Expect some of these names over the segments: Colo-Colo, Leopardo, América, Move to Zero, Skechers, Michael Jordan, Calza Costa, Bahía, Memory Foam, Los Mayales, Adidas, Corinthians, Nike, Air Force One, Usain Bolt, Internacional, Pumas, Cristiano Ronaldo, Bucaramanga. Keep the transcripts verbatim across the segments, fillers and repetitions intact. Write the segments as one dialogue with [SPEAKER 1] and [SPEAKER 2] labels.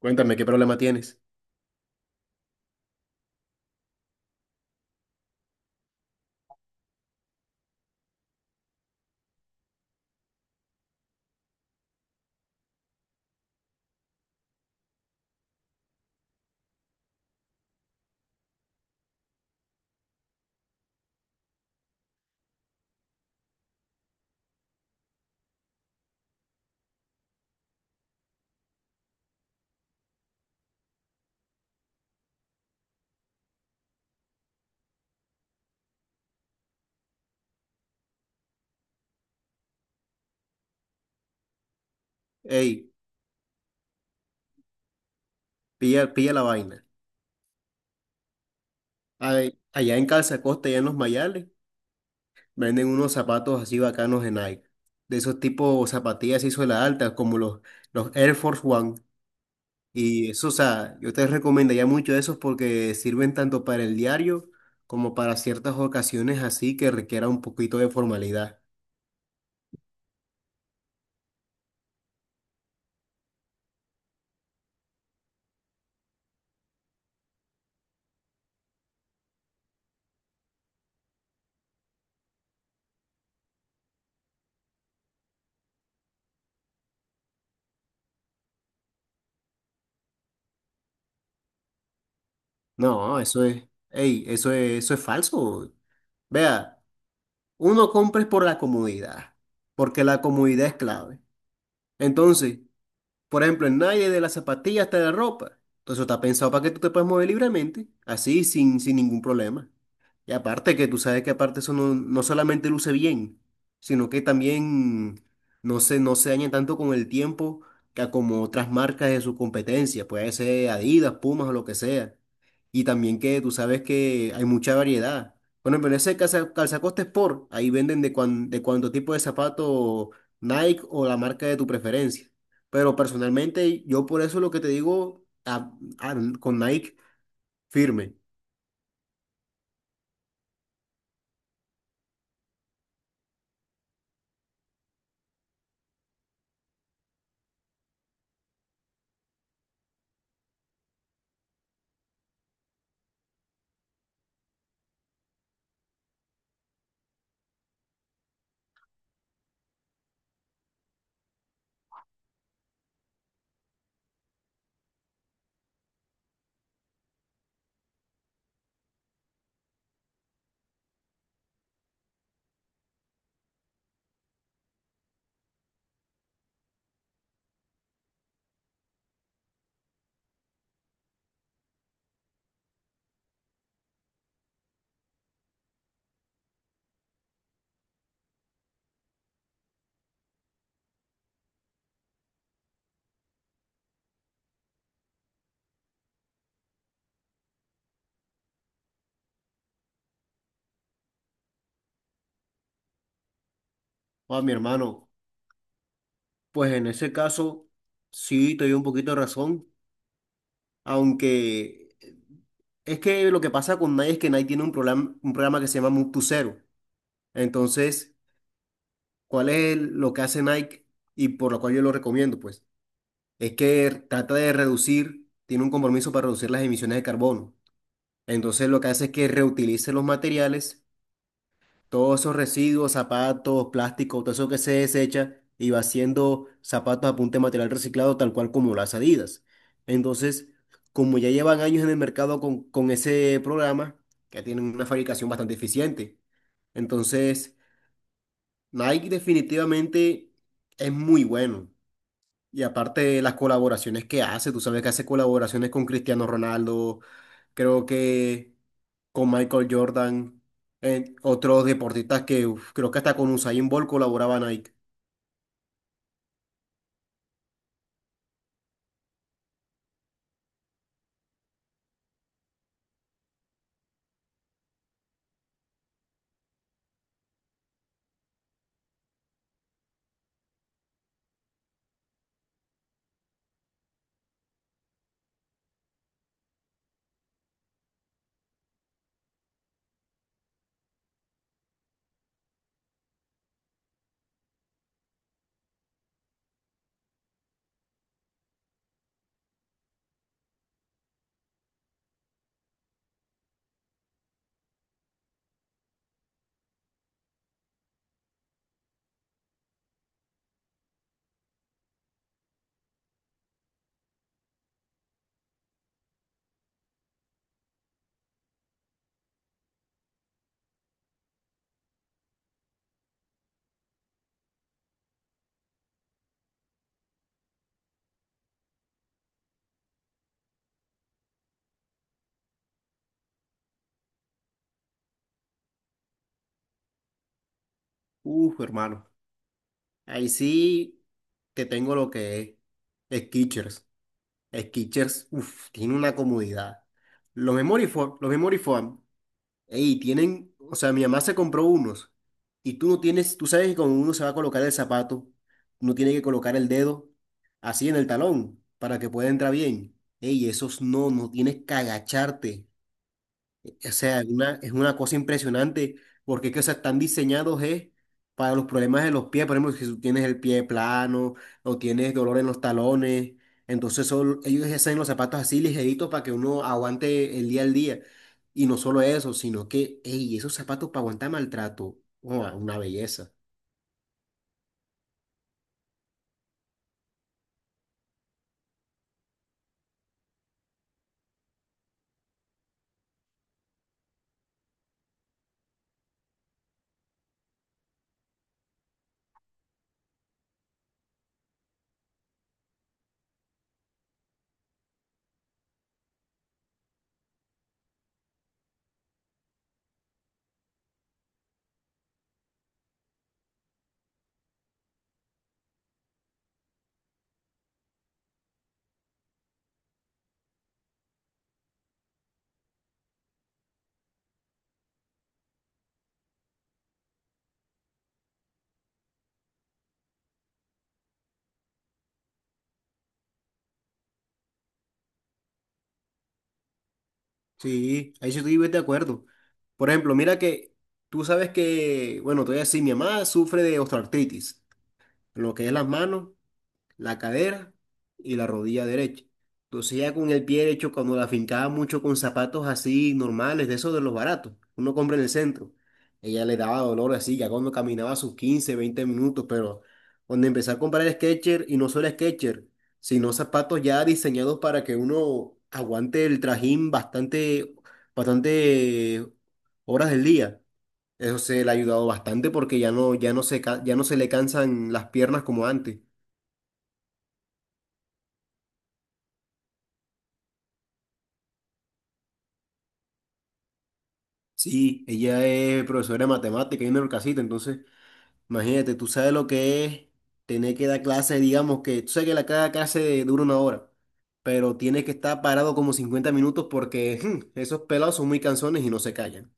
[SPEAKER 1] Cuéntame, ¿qué problema tienes? Ey, pilla, pilla la vaina. Ay, allá en Calza Costa, allá en Los Mayales, venden unos zapatos así bacanos de Nike. De esos tipos zapatillas y suela alta, como los, los Air Force One. Y eso, o sea, yo te recomendaría mucho esos porque sirven tanto para el diario como para ciertas ocasiones así que requiera un poquito de formalidad. No, eso es, ey, eso es, eso es falso. Vea, uno compra es por la comodidad, porque la comodidad es clave. Entonces, por ejemplo, en nadie de las zapatillas hasta la ropa. Entonces, está pensado para que tú te puedas mover libremente, así, sin, sin ningún problema. Y aparte que tú sabes que aparte eso no, no solamente luce bien, sino que también no se, no se daña tanto con el tiempo que como otras marcas de su competencia, puede ser Adidas, Pumas o lo que sea. Y también que tú sabes que hay mucha variedad. Bueno, pero ese calza, calzacoste Sport, ahí venden de, cuan- de cuánto tipo de zapato Nike o la marca de tu preferencia. Pero personalmente yo por eso lo que te digo a- a- con Nike firme. Oh, mi hermano. Pues en ese caso, sí, te doy un poquito de razón, aunque es que lo que pasa con Nike es que Nike tiene un programa, un programa que se llama Move to Zero. Entonces, ¿cuál es el- lo que hace Nike y por lo cual yo lo recomiendo? Pues es que trata de reducir, tiene un compromiso para reducir las emisiones de carbono. Entonces, lo que hace es que reutilice los materiales. Todos esos residuos, zapatos, plástico, todo eso que se desecha y va haciendo zapatos a punta de material reciclado, tal cual como las Adidas. Entonces, como ya llevan años en el mercado con, con ese programa, que tienen una fabricación bastante eficiente. Entonces, Nike definitivamente es muy bueno. Y aparte de las colaboraciones que hace, tú sabes que hace colaboraciones con Cristiano Ronaldo, creo que con Michael Jordan, en otros deportistas que uf, creo que hasta con Usain Bolt colaboraba Nike. Uf, hermano. Ahí sí te tengo lo que es Skechers. Skechers, uf, tiene una comodidad. Los Memory Foam, los Memory Foam. Y tienen, o sea, mi mamá se compró unos y tú no tienes, tú sabes que con uno se va a colocar el zapato, uno tiene que colocar el dedo así en el talón para que pueda entrar bien. Ey, esos no, no tienes que agacharte. O sea, es una, es una cosa impresionante porque es que, o sea, están diseñados eh, para los problemas de los pies. Por ejemplo, si tú tienes el pie plano o tienes dolor en los talones, entonces son, ellos hacen los zapatos así ligeritos para que uno aguante el día al día. Y no solo eso, sino que, ey, esos zapatos para aguantar maltrato, ¡guau!, una belleza. Sí, ahí sí estoy de acuerdo. Por ejemplo, mira que tú sabes que, bueno, todavía sí, mi mamá sufre de osteoartritis, en lo que es las manos, la cadera y la rodilla derecha. Entonces ya con el pie derecho, cuando la fincaba mucho con zapatos así normales, de esos de los baratos, uno compra en el centro, ella le daba dolor así, ya cuando caminaba sus quince veinte minutos, pero cuando empecé a comprar Skechers, y no solo Skechers, sino zapatos ya diseñados para que uno aguante el trajín bastante, bastante horas del día. Eso se le ha ayudado bastante porque ya no, ya no se, ca- ya no se le cansan las piernas como antes. Sí, ella es profesora de matemática y en casita, entonces, imagínate, tú sabes lo que es tener que dar clases, digamos que, tú sabes que la cada clase dura una hora, pero tienes que estar parado como cincuenta minutos porque esos pelados son muy cansones y no se callan.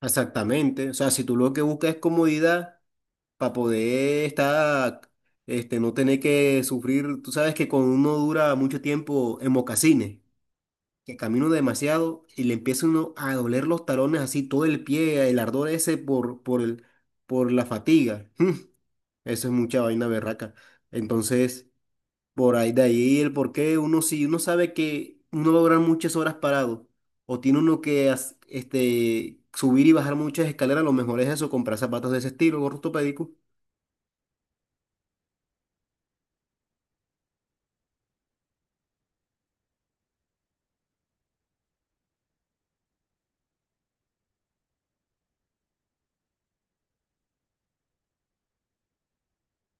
[SPEAKER 1] Exactamente, o sea, si tú lo que buscas es comodidad para poder estar, este, no tener que sufrir, tú sabes que cuando uno dura mucho tiempo en mocasines, que camino demasiado y le empieza uno a doler los talones así, todo el pie, el ardor ese por, por el, por la fatiga. Eso es mucha vaina berraca. Entonces, por ahí de ahí el por qué uno si uno sabe que uno va a durar muchas horas parado o tiene uno que as- este, subir y bajar muchas escaleras, lo mejor es eso, comprar zapatos de ese estilo, gorro ortopédico.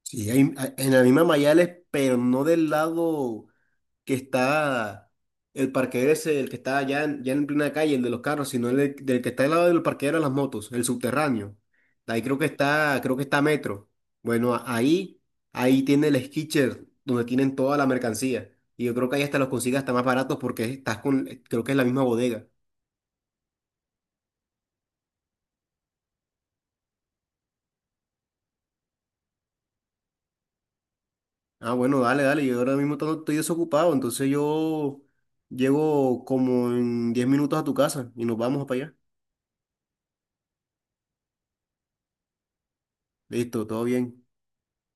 [SPEAKER 1] Sí, hay- hay- en la misma Mayales, pero no del lado que está el parqueadero ese, el que está ya en, ya en plena calle, el de los carros, sino el de- del que está al lado del parqueadero de las motos, el subterráneo. Ahí creo que está, creo que está Metro. Bueno, a- ahí, ahí tiene el skitcher donde tienen toda la mercancía. Y yo creo que ahí hasta los consigues hasta más baratos porque estás con, creo que es la misma bodega. Ah, bueno, dale, dale. Yo ahora mismo to- estoy desocupado, entonces yo llego como en diez minutos a tu casa y nos vamos para allá. Listo, todo bien.